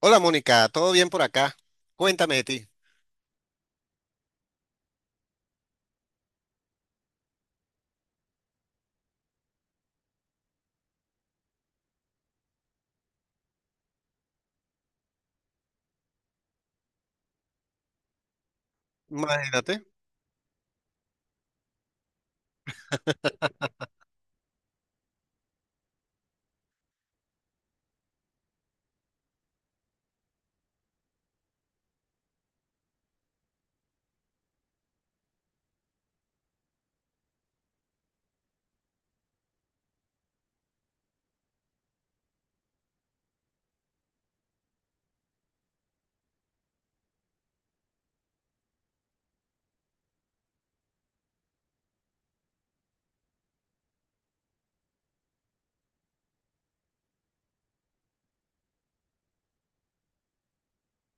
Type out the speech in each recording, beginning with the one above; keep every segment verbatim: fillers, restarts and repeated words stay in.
Hola Mónica, ¿todo bien por acá? Cuéntame de ti. Imagínate.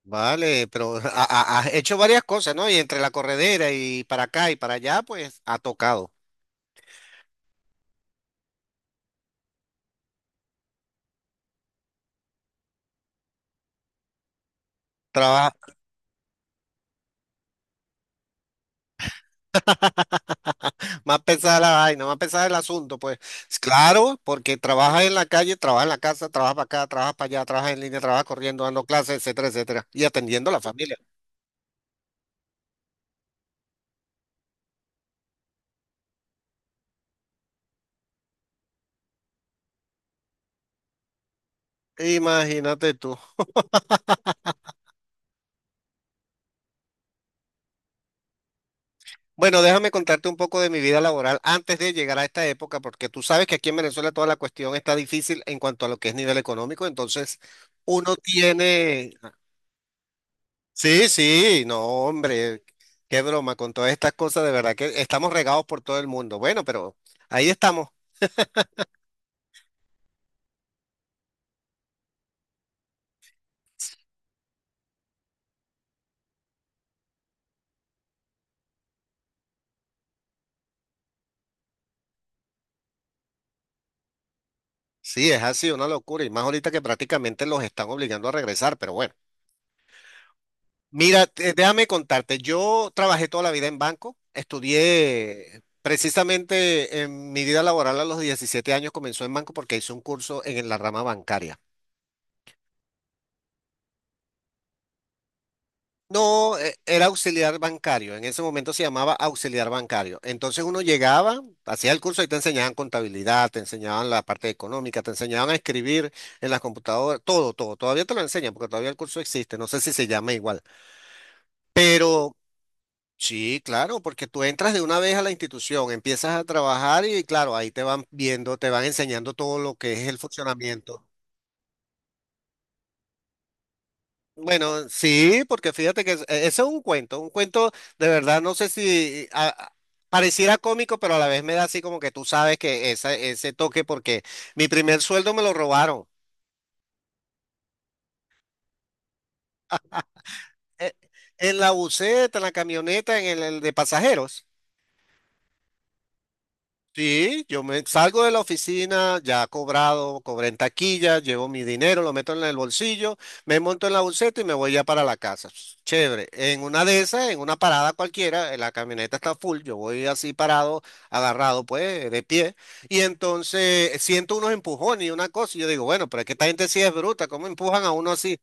Vale, pero ha- ha- has hecho varias cosas, ¿no? Y entre la corredera y para acá y para allá, pues ha tocado. Trabaja. Más pesada la vaina, más pesada el asunto, pues. Claro, porque trabajas en la calle, trabajas en la casa, trabajas para acá, trabajas para allá, trabajas en línea, trabajas corriendo, dando clases, etcétera, etcétera. Y atendiendo a la familia. Imagínate tú. Bueno, déjame contarte un poco de mi vida laboral antes de llegar a esta época, porque tú sabes que aquí en Venezuela toda la cuestión está difícil en cuanto a lo que es nivel económico, entonces uno tiene... Sí, sí, no, hombre, qué broma, con todas estas cosas, de verdad que estamos regados por todo el mundo. Bueno, pero ahí estamos. Sí, es así, una locura, y más ahorita que prácticamente los están obligando a regresar, pero bueno. Mira, te- déjame contarte, yo trabajé toda la vida en banco, estudié precisamente en mi vida laboral a los diecisiete años comenzó en banco porque hice un curso en la rama bancaria. No, eh, era auxiliar bancario, en ese momento se llamaba auxiliar bancario. Entonces uno llegaba, hacía el curso y te enseñaban contabilidad, te enseñaban la parte económica, te enseñaban a escribir en las computadoras, todo, todo. Todavía te lo enseñan porque todavía el curso existe, no sé si se llama igual. Pero sí, claro, porque tú entras de una vez a la institución, empiezas a trabajar y claro, ahí te van viendo, te van enseñando todo lo que es el funcionamiento. Bueno, sí, porque fíjate que es- e- ese es un cuento, un cuento de verdad, no sé si a- a- pareciera cómico, pero a la vez me da así como que tú sabes que esa, ese toque, porque mi primer sueldo me lo robaron. eh, En la buseta, en la camioneta, en el el de pasajeros. Sí, yo me salgo de la oficina, ya cobrado, cobré en taquilla, llevo mi dinero, lo meto en el bolsillo, me monto en la buseta y me voy ya para la casa. Ps, chévere. En una de esas, en una parada cualquiera, eh, la camioneta está full, yo voy así parado, agarrado, pues, de pie. Y entonces siento unos empujones y una cosa, y yo digo, bueno, pero es que esta gente sí es bruta, ¿cómo empujan a uno así?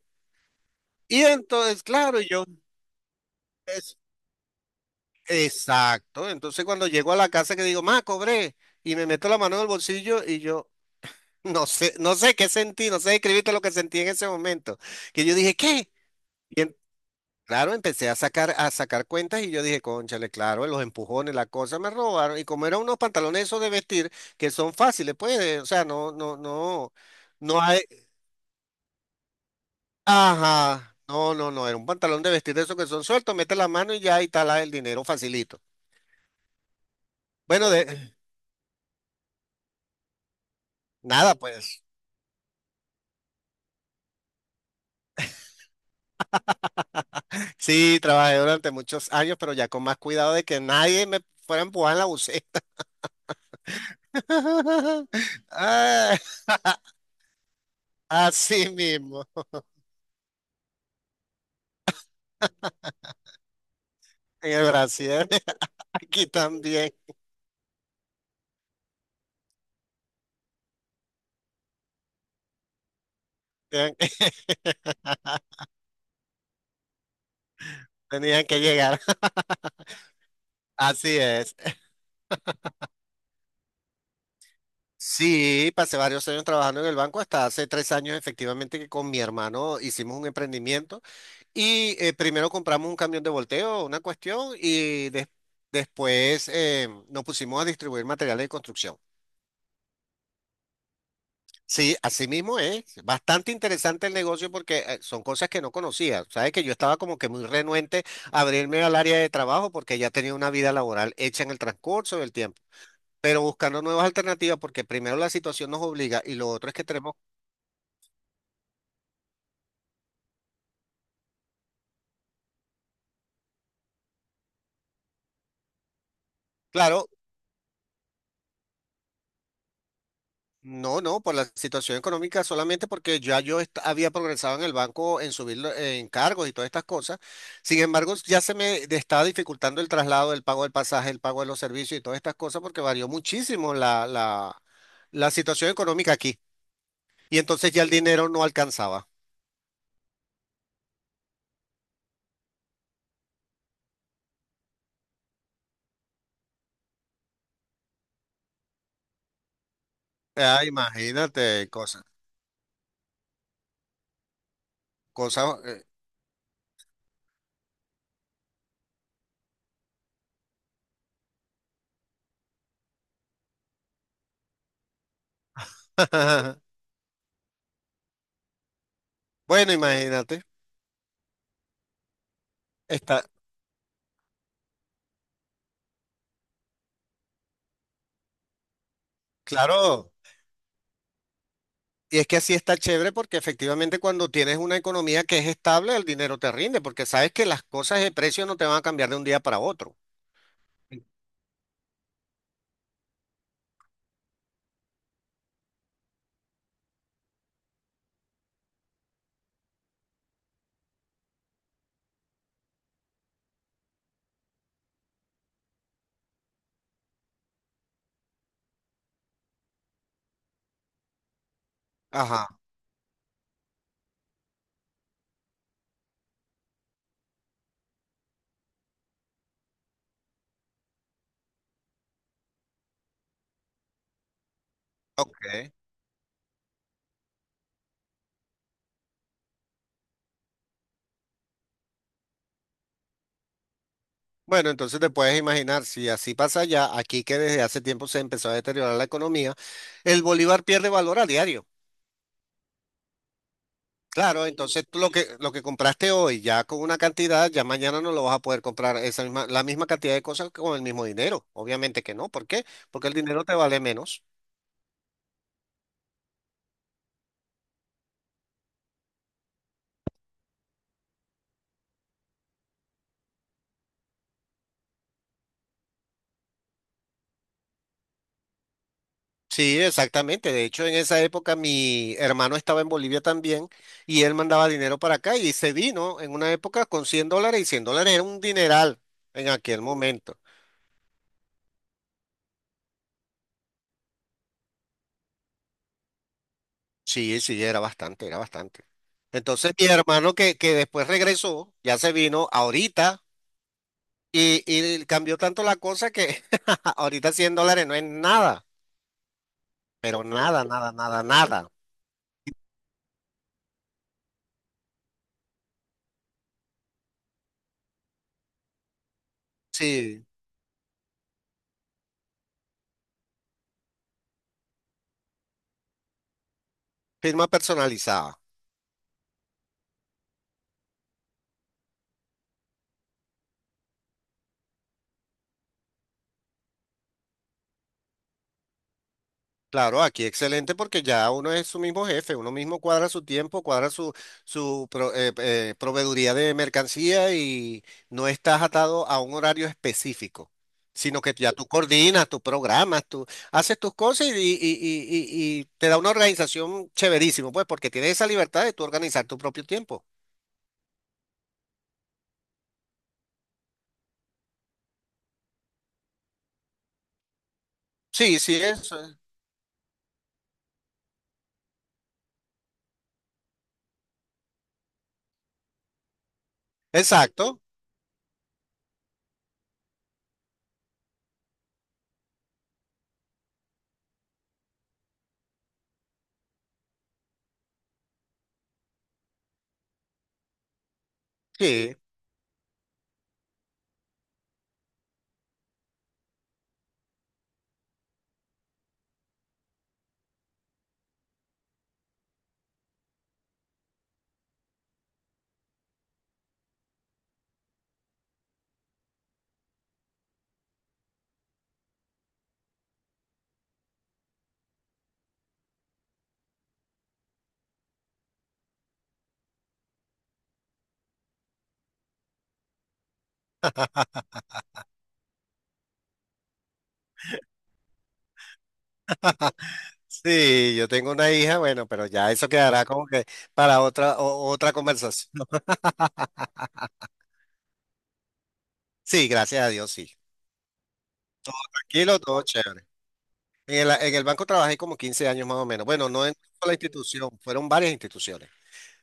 Y entonces, claro, y yo, es, exacto. Entonces cuando llego a la casa que digo, ma, cobré, y me meto la mano en el bolsillo y yo. No sé, no sé qué sentí, no sé describirte lo que sentí en ese momento. Que yo dije, ¿qué? Claro, empecé a sacar, a sacar cuentas y yo dije, cónchale, claro, los empujones, la cosa me robaron. Y como eran unos pantalones esos de vestir que son fáciles, pues, eh, o sea, no, no, no, no hay, ajá, no, no, no, era un pantalón de vestir de esos que son sueltos, mete la mano y ya y está el dinero facilito. Bueno, de, nada, pues. Sí, trabajé durante muchos años, pero ya con más cuidado de que nadie me fuera a empujar en la buceta. Ah, así mismo, en el Brasil, aquí también tenían que, tenían que llegar. Así es. Sí, pasé varios años trabajando en el banco, hasta hace tres años efectivamente que con mi hermano hicimos un emprendimiento y eh, primero compramos un camión de volteo, una cuestión, y des- después eh, nos pusimos a distribuir materiales de construcción. Sí, así mismo es. Bastante interesante el negocio porque eh, son cosas que no conocía. Sabes que yo estaba como que muy renuente a abrirme al área de trabajo porque ya tenía una vida laboral hecha en el transcurso del tiempo. Pero buscando nuevas alternativas porque primero la situación nos obliga y lo otro es que tenemos, claro, no, no, por la situación económica solamente porque ya yo est- había progresado en el banco en subir lo- en cargos y todas estas cosas. Sin embargo, ya se me de- estaba dificultando el traslado, el pago del pasaje, el pago de los servicios y todas estas cosas porque varió muchísimo la, la, la situación económica aquí. Y entonces ya el dinero no alcanzaba. Ah, imagínate, cosas, cosas. eh, Bueno, imagínate. Está claro. Y es que así está chévere porque efectivamente cuando tienes una economía que es estable, el dinero te rinde, porque sabes que las cosas de precio no te van a cambiar de un día para otro. Ajá, ok. Bueno, entonces te puedes imaginar, si así pasa ya, aquí que desde hace tiempo se empezó a deteriorar la economía, el bolívar pierde valor a diario. Claro, entonces tú lo que, lo que compraste hoy ya con una cantidad, ya mañana no lo vas a poder comprar esa misma, la misma cantidad de cosas con el mismo dinero. Obviamente que no. ¿Por qué? Porque el dinero te vale menos. Sí, exactamente. De hecho, en esa época mi hermano estaba en Bolivia también y él mandaba dinero para acá y se vino en una época con cien dólares y cien dólares era un dineral en aquel momento. Sí, sí, era bastante, era bastante. Entonces mi hermano que, que después regresó, ya se vino ahorita y, y cambió tanto la cosa que ahorita cien dólares no es nada, pero nada, nada, nada, nada. Sí, firma personalizada. Claro, aquí excelente porque ya uno es su mismo jefe, uno mismo cuadra su tiempo, cuadra su, su pro- eh, eh, proveeduría de mercancía y no estás atado a un horario específico, sino que ya tú coordinas, tú programas, tú haces tus cosas y, y- y- y- y te da una organización chéverísimo, pues porque tienes esa libertad de tú organizar tu propio tiempo. Sí, sí, eso. Es. Exacto, sí. Sí, yo tengo una hija, bueno, pero ya eso quedará como que para otra, o- otra conversación. Sí, gracias a Dios, sí. Kilo, todo chévere. En el, en el banco trabajé como quince años más o menos. Bueno, no en la institución, fueron varias instituciones.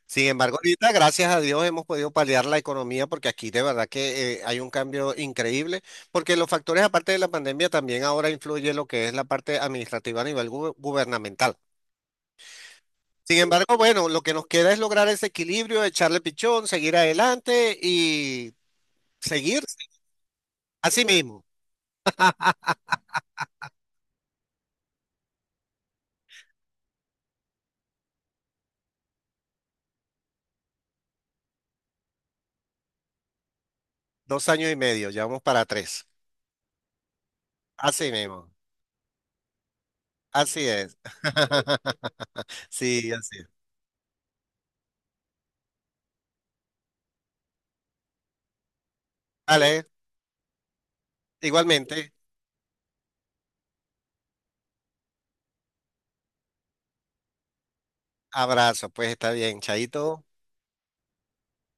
Sin embargo, ahorita, gracias a Dios, hemos podido paliar la economía porque aquí de verdad que eh, hay un cambio increíble, porque los factores, aparte de la pandemia, también ahora influye lo que es la parte administrativa a nivel gu- gubernamental. Sin embargo, bueno, lo que nos queda es lograr ese equilibrio, echarle pichón, seguir adelante y seguir así mismo. Dos años y medio, ya vamos para tres. Así mismo. Así es. Sí, así es. Vale, igualmente. Abrazo, pues está bien, chaito.